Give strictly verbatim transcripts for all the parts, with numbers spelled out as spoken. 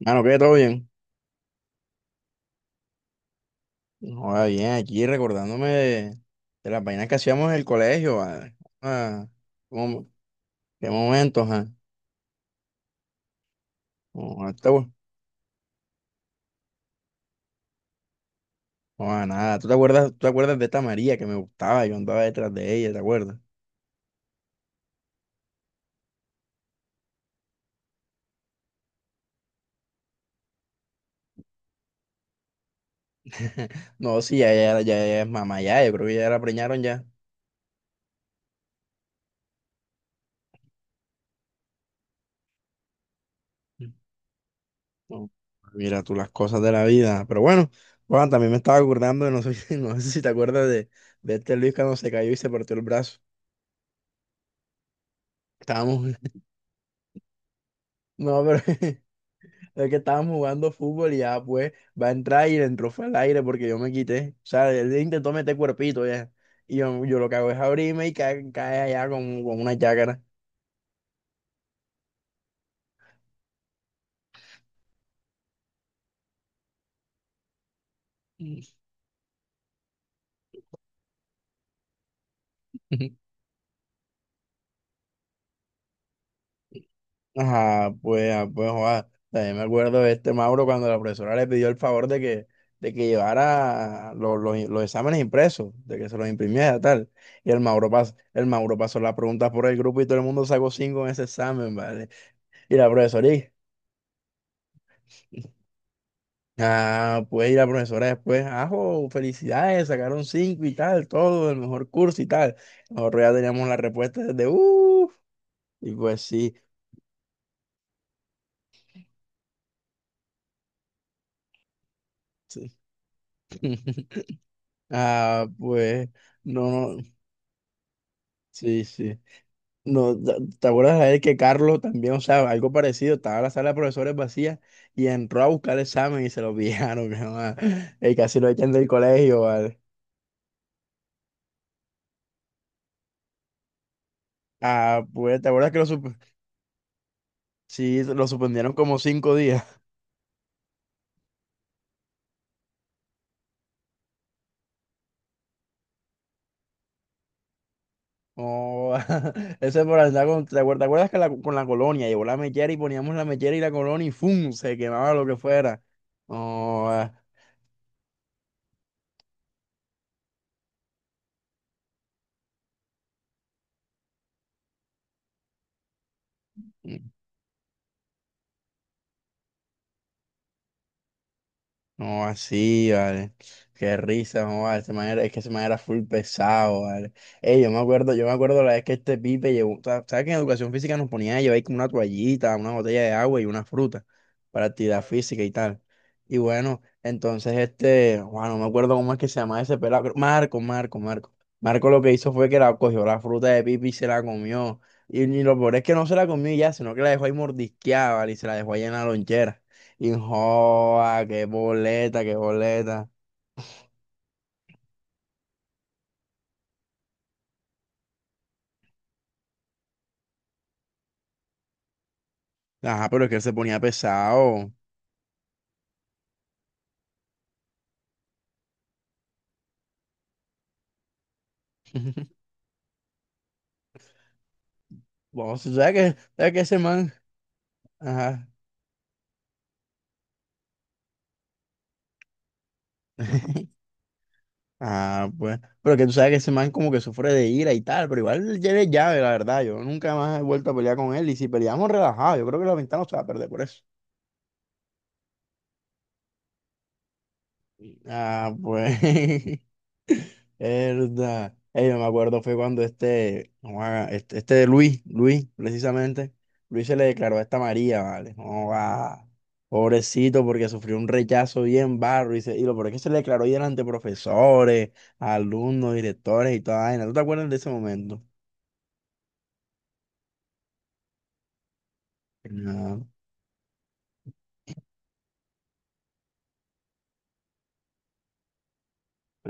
Mano, que todo bien. Joda, bien, aquí recordándome de, de las vainas que hacíamos en el colegio. Vale. Ah, ¿cómo- qué momentos, ah? Joda, te- acu- joda, nada. ¿Tú te acuerdas, tú te acuerdas de esta María que me gustaba? Yo andaba detrás de ella, ¿te acuerdas? No, sí, ya, ya, ya, ya es mamá, ya. Yo creo que ya la preñaron ya. No, mira tú las cosas de la vida. Pero bueno, Juan, también me estaba acordando de, no sé, no sé si te acuerdas de, de, este Luis cuando se cayó y se partió el brazo. Estábamos. No, pero. Es que estábamos jugando fútbol y ya, pues, va a entrar y le entró fue al aire porque yo me quité. O sea, él intentó meter cuerpito ya. Y yo, yo lo que hago es abrirme y cae, cae allá con, con una chácara. Ajá, pues, ah, pues, joda. También me acuerdo de este Mauro cuando la profesora le pidió el favor de que, de que llevara los, los, los exámenes impresos, de que se los imprimiera tal. Y el Mauro, pas, el Mauro pasó las preguntas por el grupo y todo el mundo sacó cinco en ese examen, ¿vale? Y la profesora, ¿y? Ah, pues y la profesora después, ajo, felicidades, sacaron cinco y tal, todo, el mejor curso y tal. Nosotros ya teníamos la respuesta desde, uff, y pues sí, sí. Ah, pues, no, no, sí, sí. No, ¿te te acuerdas de él que Carlos también, o sea, algo parecido, estaba la sala de profesores vacía y entró a buscar el examen y se lo pillaron, mi mamá? Y casi lo echan del colegio, ¿vale? Ah, pues, ¿te acuerdas que lo, sup- sí, lo suspendieron como cinco días? Oh, ese por andar con, ¿te acuer- te acuerdas que la- con la colonia llevó la mechera y poníamos la mechera y la colonia y ¡fum! Se quemaba lo que fuera. Oh, ah, no, así, vale. Qué risa, no, vale. Ese man era- es que ese man era full pesado, vale. Ey, yo me acuerdo, yo me acuerdo la vez que este pipe llevó, sa- ¿sabes que en educación física nos ponían a llevar ahí como una toallita, una botella de agua y una fruta para actividad claro, física y tal? Y bueno, entonces este, bueno, no me acuerdo cómo es que se llama ese pelado, creo- Marco, Marco, Marco. Marco lo que hizo fue que la cogió la fruta de pipe y se la comió. Y, y lo peor es que no se la comió y ya, sino que la dejó ahí mordisqueada, ¿vale? Y se la dejó ahí en la lonchera. Y joa, qué boleta, qué boleta. Ajá, pero es que él se ponía pesado. Vos, tú sabes que, sabes que ese man. Ajá. Ah, pues. Pero que tú sabes que ese man como que sufre de ira y tal. Pero igual ya es llave, la verdad. Yo nunca más he vuelto a pelear con él. Y si peleamos relajado, yo creo que la ventana no se va a perder por eso. Ah, pues. Verdad. eh yo me acuerdo fue cuando este, no va, este, este Luis, Luis, precisamente, Luis se le declaró a esta María, ¿vale? No va, pobrecito, porque sufrió un rechazo bien barro. Y, se, y lo peor es que se le declaró ahí delante de profesores, alumnos, directores y toda vaina. ¿Tú te acuerdas de ese momento?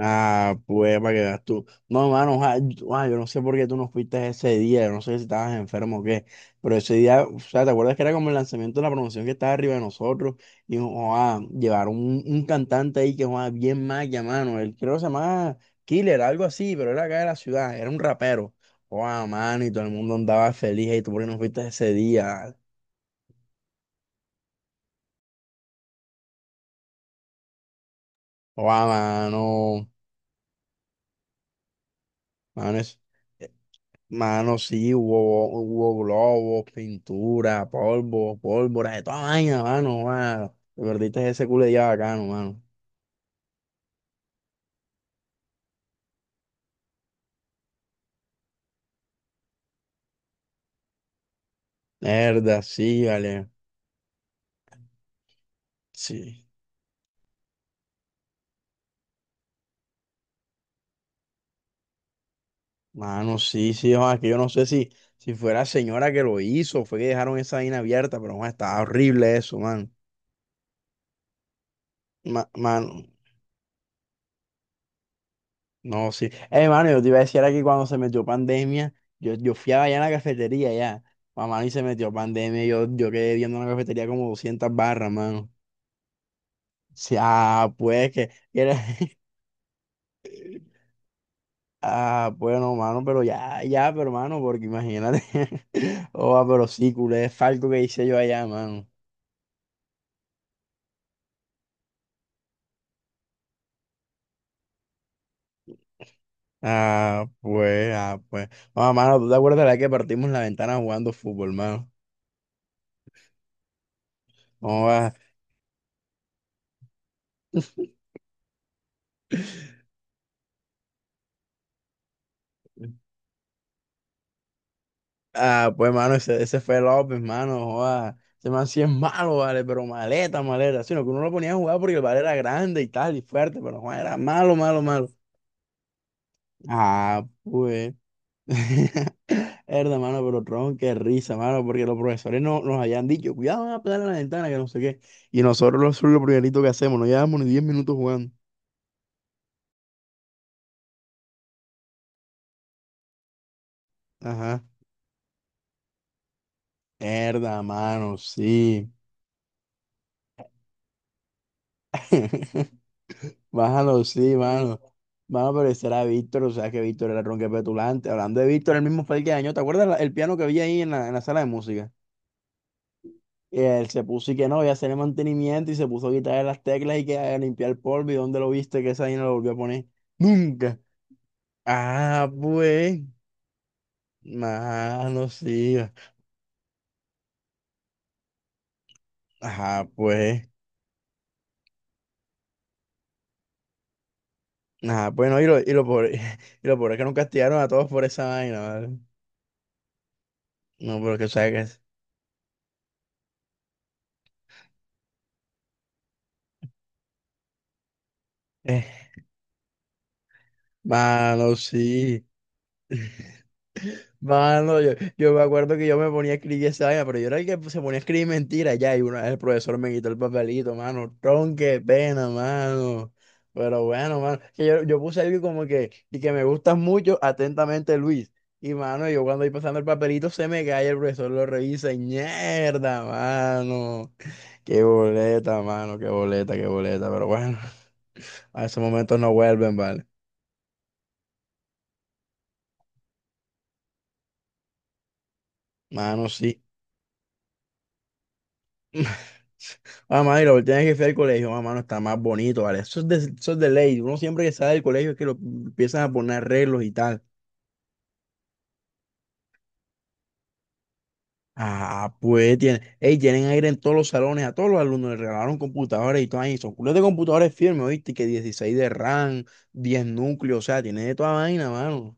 Ah, pues para que veas tú. No, mano, oja- oja, yo no sé por qué tú no fuiste ese día, yo no sé si estabas enfermo o qué, pero ese día, o sea, ¿te acuerdas que era como el lanzamiento de la promoción que estaba arriba de nosotros? Y oa, llevaron un, un cantante ahí que oa, bien maya, mano, él creo que se llamaba Killer, algo así, pero era acá de la ciudad, era un rapero. Oa, mano, y todo el mundo andaba feliz, y tú por qué no fuiste ese día. Oa, mano, mano, eso. Mano, sí, hubo, hubo globos, pintura, polvo, pólvora, de toda vaina, mano, mano. Te perdiste ese culo de día bacano, mano. Mierda, sí, vale. Sí. Mano, sí, sí, joa, que yo no sé si, si fue la señora que lo hizo, fue que dejaron esa vaina abierta, pero joa, estaba horrible eso, mano. Ma- mano, no, sí. Eh, mano, yo te iba a decir aquí cuando se metió pandemia, yo, yo fui allá en la cafetería, ya. Mamá, y se metió pandemia, yo, yo quedé viendo en la cafetería como doscientas barras, mano. Sí, ah, pues que era- Ah, bueno, mano, pero ya, ya, pero mano, porque imagínate. Oh, ah, pero sí, culé, es falco que hice yo allá, mano. Ah, pues, ah, pues. Oh, mano, ¿tú te acuerdas de la que partimos la ventana jugando fútbol, mano? Oh, ah. Ah, pues, mano, ese, ese fue López, mano. Joda. Ese man sí es malo, vale, pero maleta, maleta. Sino que uno lo ponía a jugar porque el vale era grande y tal, y fuerte, pero joda, era malo, malo, malo. Ah, pues. Herda, mano, pero tronco, qué risa, mano, porque los profesores no, nos habían dicho, cuidado, van a pegar a la ventana, que no sé qué. Y nosotros lo, eso es lo primerito que hacemos, no llevamos ni diez minutos jugando. Ajá. Herda, mano, sí. Bájalo, sí, mano. Mano, pero ese era Víctor, o sea que Víctor era tronque petulante. Hablando de Víctor, el mismo fue el que dañó. ¿Te acuerdas la- el piano que había ahí en la, en la sala de música? Él se puso y que no, voy a hacer el mantenimiento y se puso a quitar las teclas y que a limpiar el polvo. ¿Y dónde lo viste que esa ahí no lo volvió a poner? Nunca. Ah, pues, mano, sí. Ajá, pues. Ajá, pues no, y lo, y lo pobre, y lo pobre es que nos castigaron a todos por esa vaina, ¿vale? No, pero que sabes que es. Eh, mano, sí. Mano, yo, yo me acuerdo que yo me ponía a escribir esa vaina, pero yo era el que se ponía a escribir mentiras ya, y una vez el profesor me quitó el papelito, mano, tron, qué pena, mano. Pero bueno, mano, que yo, yo puse algo como que, y que me gustas mucho, atentamente, Luis. Y mano, yo cuando voy pasando el papelito se me cae, el profesor lo revisa, y mierda, mano. Qué boleta, mano, qué boleta, qué boleta, pero bueno, a esos momentos no vuelven, ¿vale? Mano, sí. Mamá, y lo tienes que hacer al colegio, mamá, no está más bonito, ¿vale? Eso es de, eso es de ley. Uno siempre que sale del colegio es que lo empiezan a poner arreglos y tal. Ah, pues tienen, ey, tienen aire en todos los salones, a todos los alumnos les regalaron computadores y todo ahí. Son culos de computadores firmes, ¿oíste? Que dieciséis de RAM, diez núcleos, o sea, tiene de toda vaina, mano.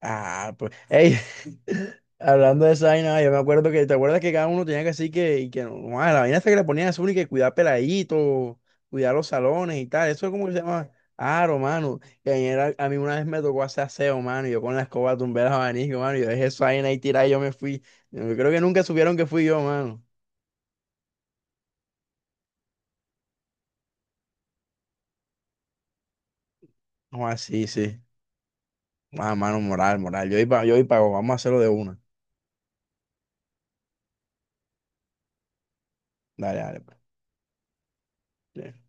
Ah, pues, ey, hablando de esa vaina, yo me acuerdo que, ¿te acuerdas que cada uno tenía que así que, y que no, no, ah, la vaina hasta que le ponían a uno y que cuidar peladitos, cuidar los salones y tal, eso es como que se llama aro, mano, que ayer a, a mí una vez me tocó hacer aseo, mano, y yo con la escoba tumbé los abanicos, mano, y yo dejé esa vaina ahí tirada y yo me fui, yo creo que nunca supieron que fui yo, mano, no, así, sí, ah, mano, moral, moral, yo y pa, yo y pago, vamos a hacerlo de una, dale, dale, pues. Sí.